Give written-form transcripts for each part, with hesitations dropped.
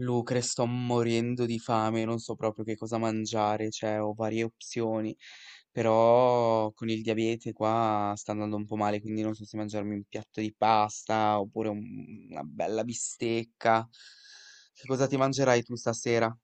Lucre, sto morendo di fame, non so proprio che cosa mangiare, cioè ho varie opzioni, però con il diabete qua sta andando un po' male, quindi non so se mangiarmi un piatto di pasta oppure una bella bistecca. Che cosa ti mangerai tu stasera?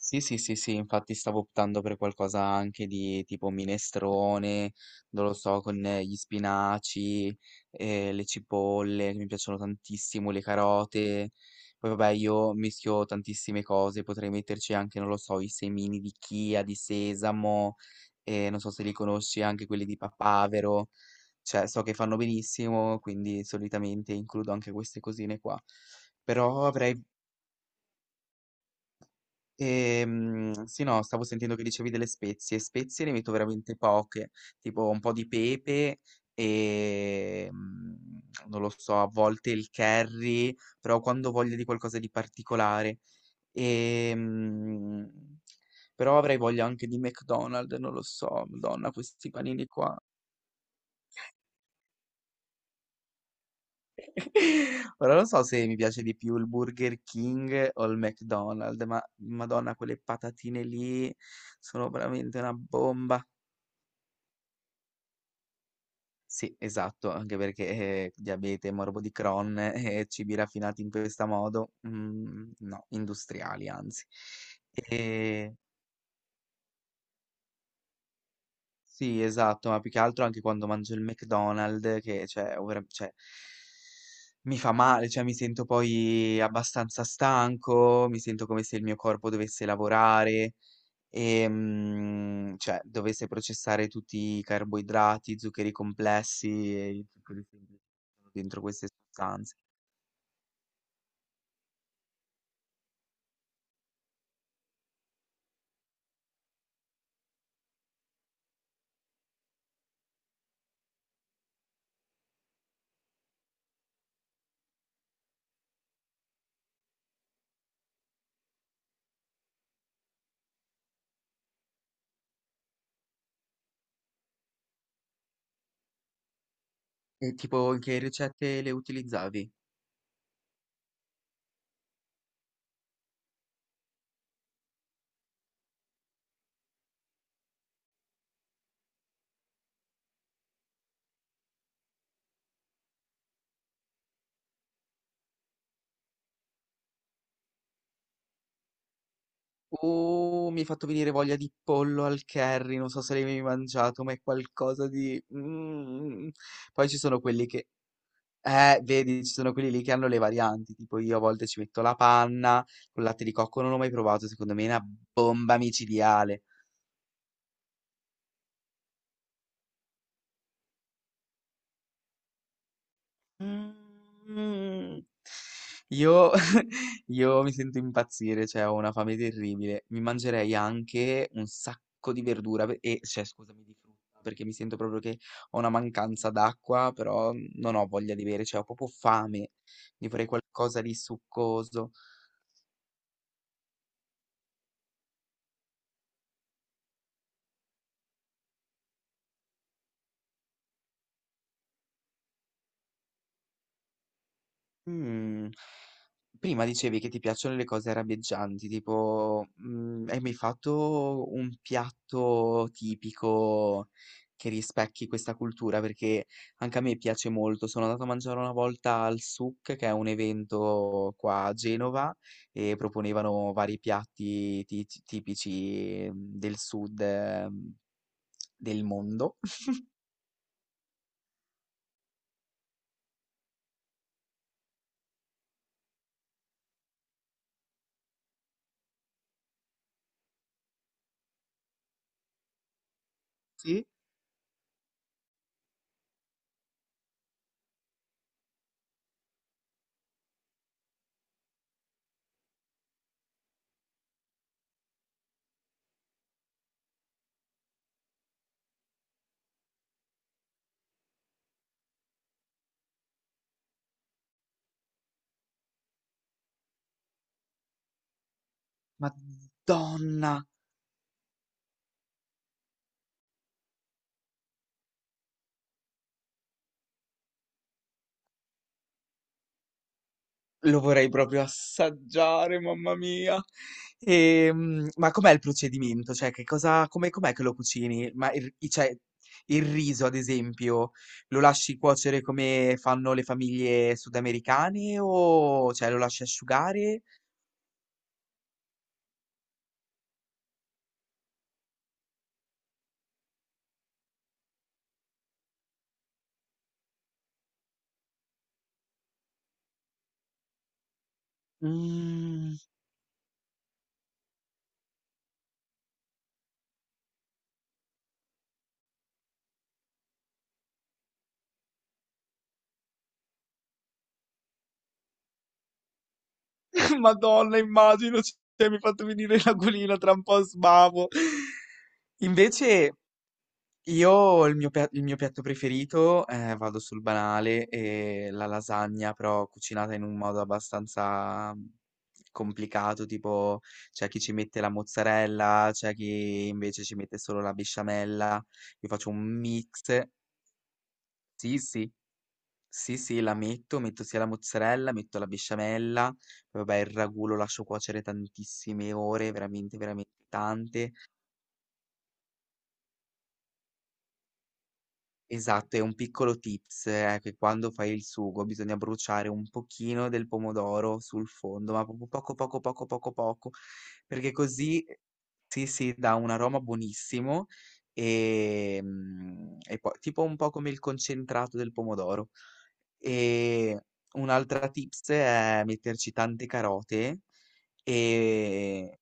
Sì, sì, sì, sì, infatti stavo optando per qualcosa anche di tipo minestrone, non lo so, con gli spinaci, le cipolle, che mi piacciono tantissimo, le carote. Poi vabbè, io mischio tantissime cose, potrei metterci anche, non lo so, i semini di chia, di sesamo, non so se li conosci, anche quelli di papavero. Cioè, so che fanno benissimo, quindi solitamente includo anche queste cosine qua. Però avrei sì, no, stavo sentendo che dicevi delle spezie. Spezie ne metto veramente poche, tipo un po' di pepe e non lo so, a volte il curry, però quando ho voglia di qualcosa di particolare. Ehm, Però avrei voglia anche di McDonald's, non lo so, Madonna, questi panini qua. Ora non so se mi piace di più il Burger King o il McDonald's, ma Madonna, quelle patatine lì sono veramente una bomba. Sì, esatto, anche perché, diabete, morbo di Crohn e cibi raffinati in questa modo, no, industriali anzi. Ehm, sì, esatto, ma più che altro anche quando mangio il McDonald's che cioè o vera cioè mi fa male, cioè mi sento poi abbastanza stanco, mi sento come se il mio corpo dovesse lavorare. Cioè dovesse processare tutti i carboidrati, zuccheri complessi e i zuccheri semplici che sono dentro queste sostanze. E tipo in che ricette le utilizzavi? Mi hai fatto venire voglia di pollo al curry, non so se l'hai mai mangiato, ma è qualcosa di... Mm. Poi ci sono quelli che... vedi, ci sono quelli lì che hanno le varianti, tipo io a volte ci metto la panna, col latte di cocco non l'ho mai provato, secondo me è una bomba micidiale. Mhmm, io io mi sento impazzire, cioè ho una fame terribile. Mi mangerei anche un sacco di verdura pe e cioè scusami, di frutta, perché mi sento proprio che ho una mancanza d'acqua, però non ho voglia di bere, cioè ho proprio fame. Mi farei qualcosa di succoso. Mhmm, prima dicevi che ti piacciono le cose arabeggianti, tipo, hai mai fatto un piatto tipico che rispecchi questa cultura? Perché anche a me piace molto. Sono andato a mangiare una volta al souk, che è un evento qua a Genova, e proponevano vari piatti ti tipici, del sud, del mondo. Sì, Madonna! Lo vorrei proprio assaggiare, mamma mia. Ma com'è il procedimento? Cioè, che cosa, come, com'è che lo cucini? Ma cioè, il riso, ad esempio, lo lasci cuocere come fanno le famiglie sudamericane o cioè, lo lasci asciugare? Mm, Madonna, immagino, cioè, mi ha fatto venire la l'aquilina tra un po' sbavo. Invece, io il mio piatto preferito, vado sul banale, è la lasagna, però cucinata in un modo abbastanza complicato, tipo c'è chi ci mette la mozzarella, c'è chi invece ci mette solo la besciamella, io faccio un mix, sì sì, sì sì, la metto, metto sia la mozzarella, metto la besciamella, poi vabbè il ragù lo lascio cuocere tantissime ore, veramente veramente tante. Esatto, è un piccolo tips, è che quando fai il sugo bisogna bruciare un pochino del pomodoro sul fondo, ma proprio poco, poco, poco, poco, poco, perché così, sì, sì, dà un aroma buonissimo e, e poi tipo un po' come il concentrato del pomodoro. E un'altra tips è metterci tante carote e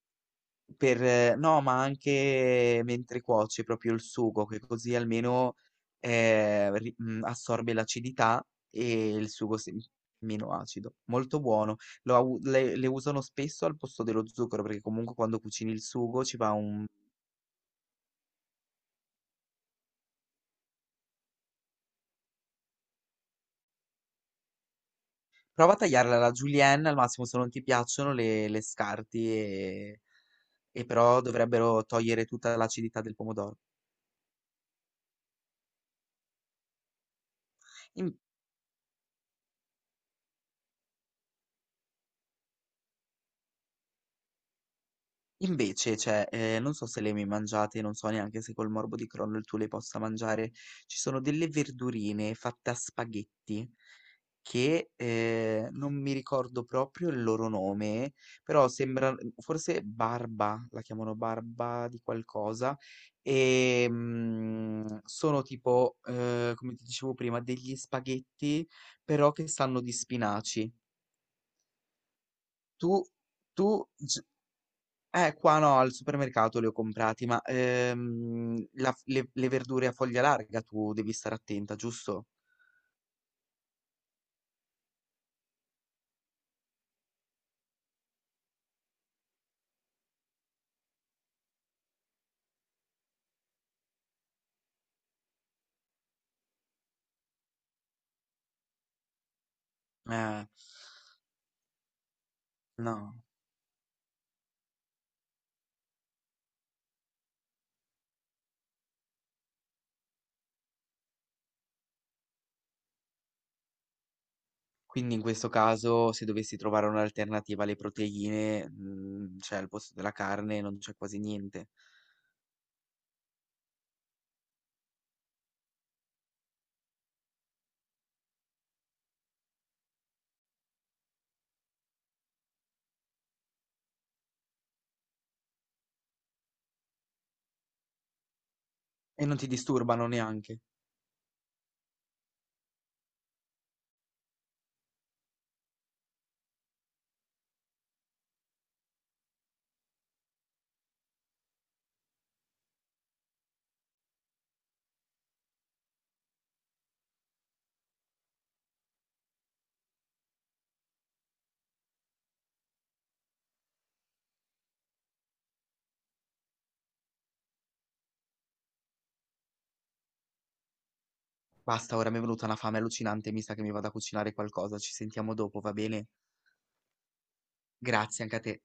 per no, ma anche mentre cuoci proprio il sugo, che così almeno, assorbe l'acidità e il sugo si meno acido. Molto buono. Lo au le usano spesso al posto dello zucchero, perché comunque quando cucini il sugo ci va un prova a tagliarla alla julienne, al massimo se non ti piacciono le scarti, e però dovrebbero togliere tutta l'acidità del pomodoro. In Invece, cioè, non so se le hai mai mangiate, non so neanche se col morbo di Crohn tu le possa mangiare, ci sono delle verdurine fatte a spaghetti che, non mi ricordo proprio il loro nome, però sembra forse barba, la chiamano barba di qualcosa, sono tipo, come ti dicevo prima, degli spaghetti però che sanno di spinaci. Tu tu g qua no, al supermercato li ho comprati, ma, la f le verdure a foglia larga tu devi stare attenta, giusto? Eh, no. Quindi in questo caso se dovessi trovare un'alternativa alle proteine, cioè al posto della carne non c'è quasi niente. E non ti disturbano neanche. Basta, ora mi è venuta una fame allucinante, mi sa che mi vado a cucinare qualcosa. Ci sentiamo dopo, va bene? Grazie anche a te.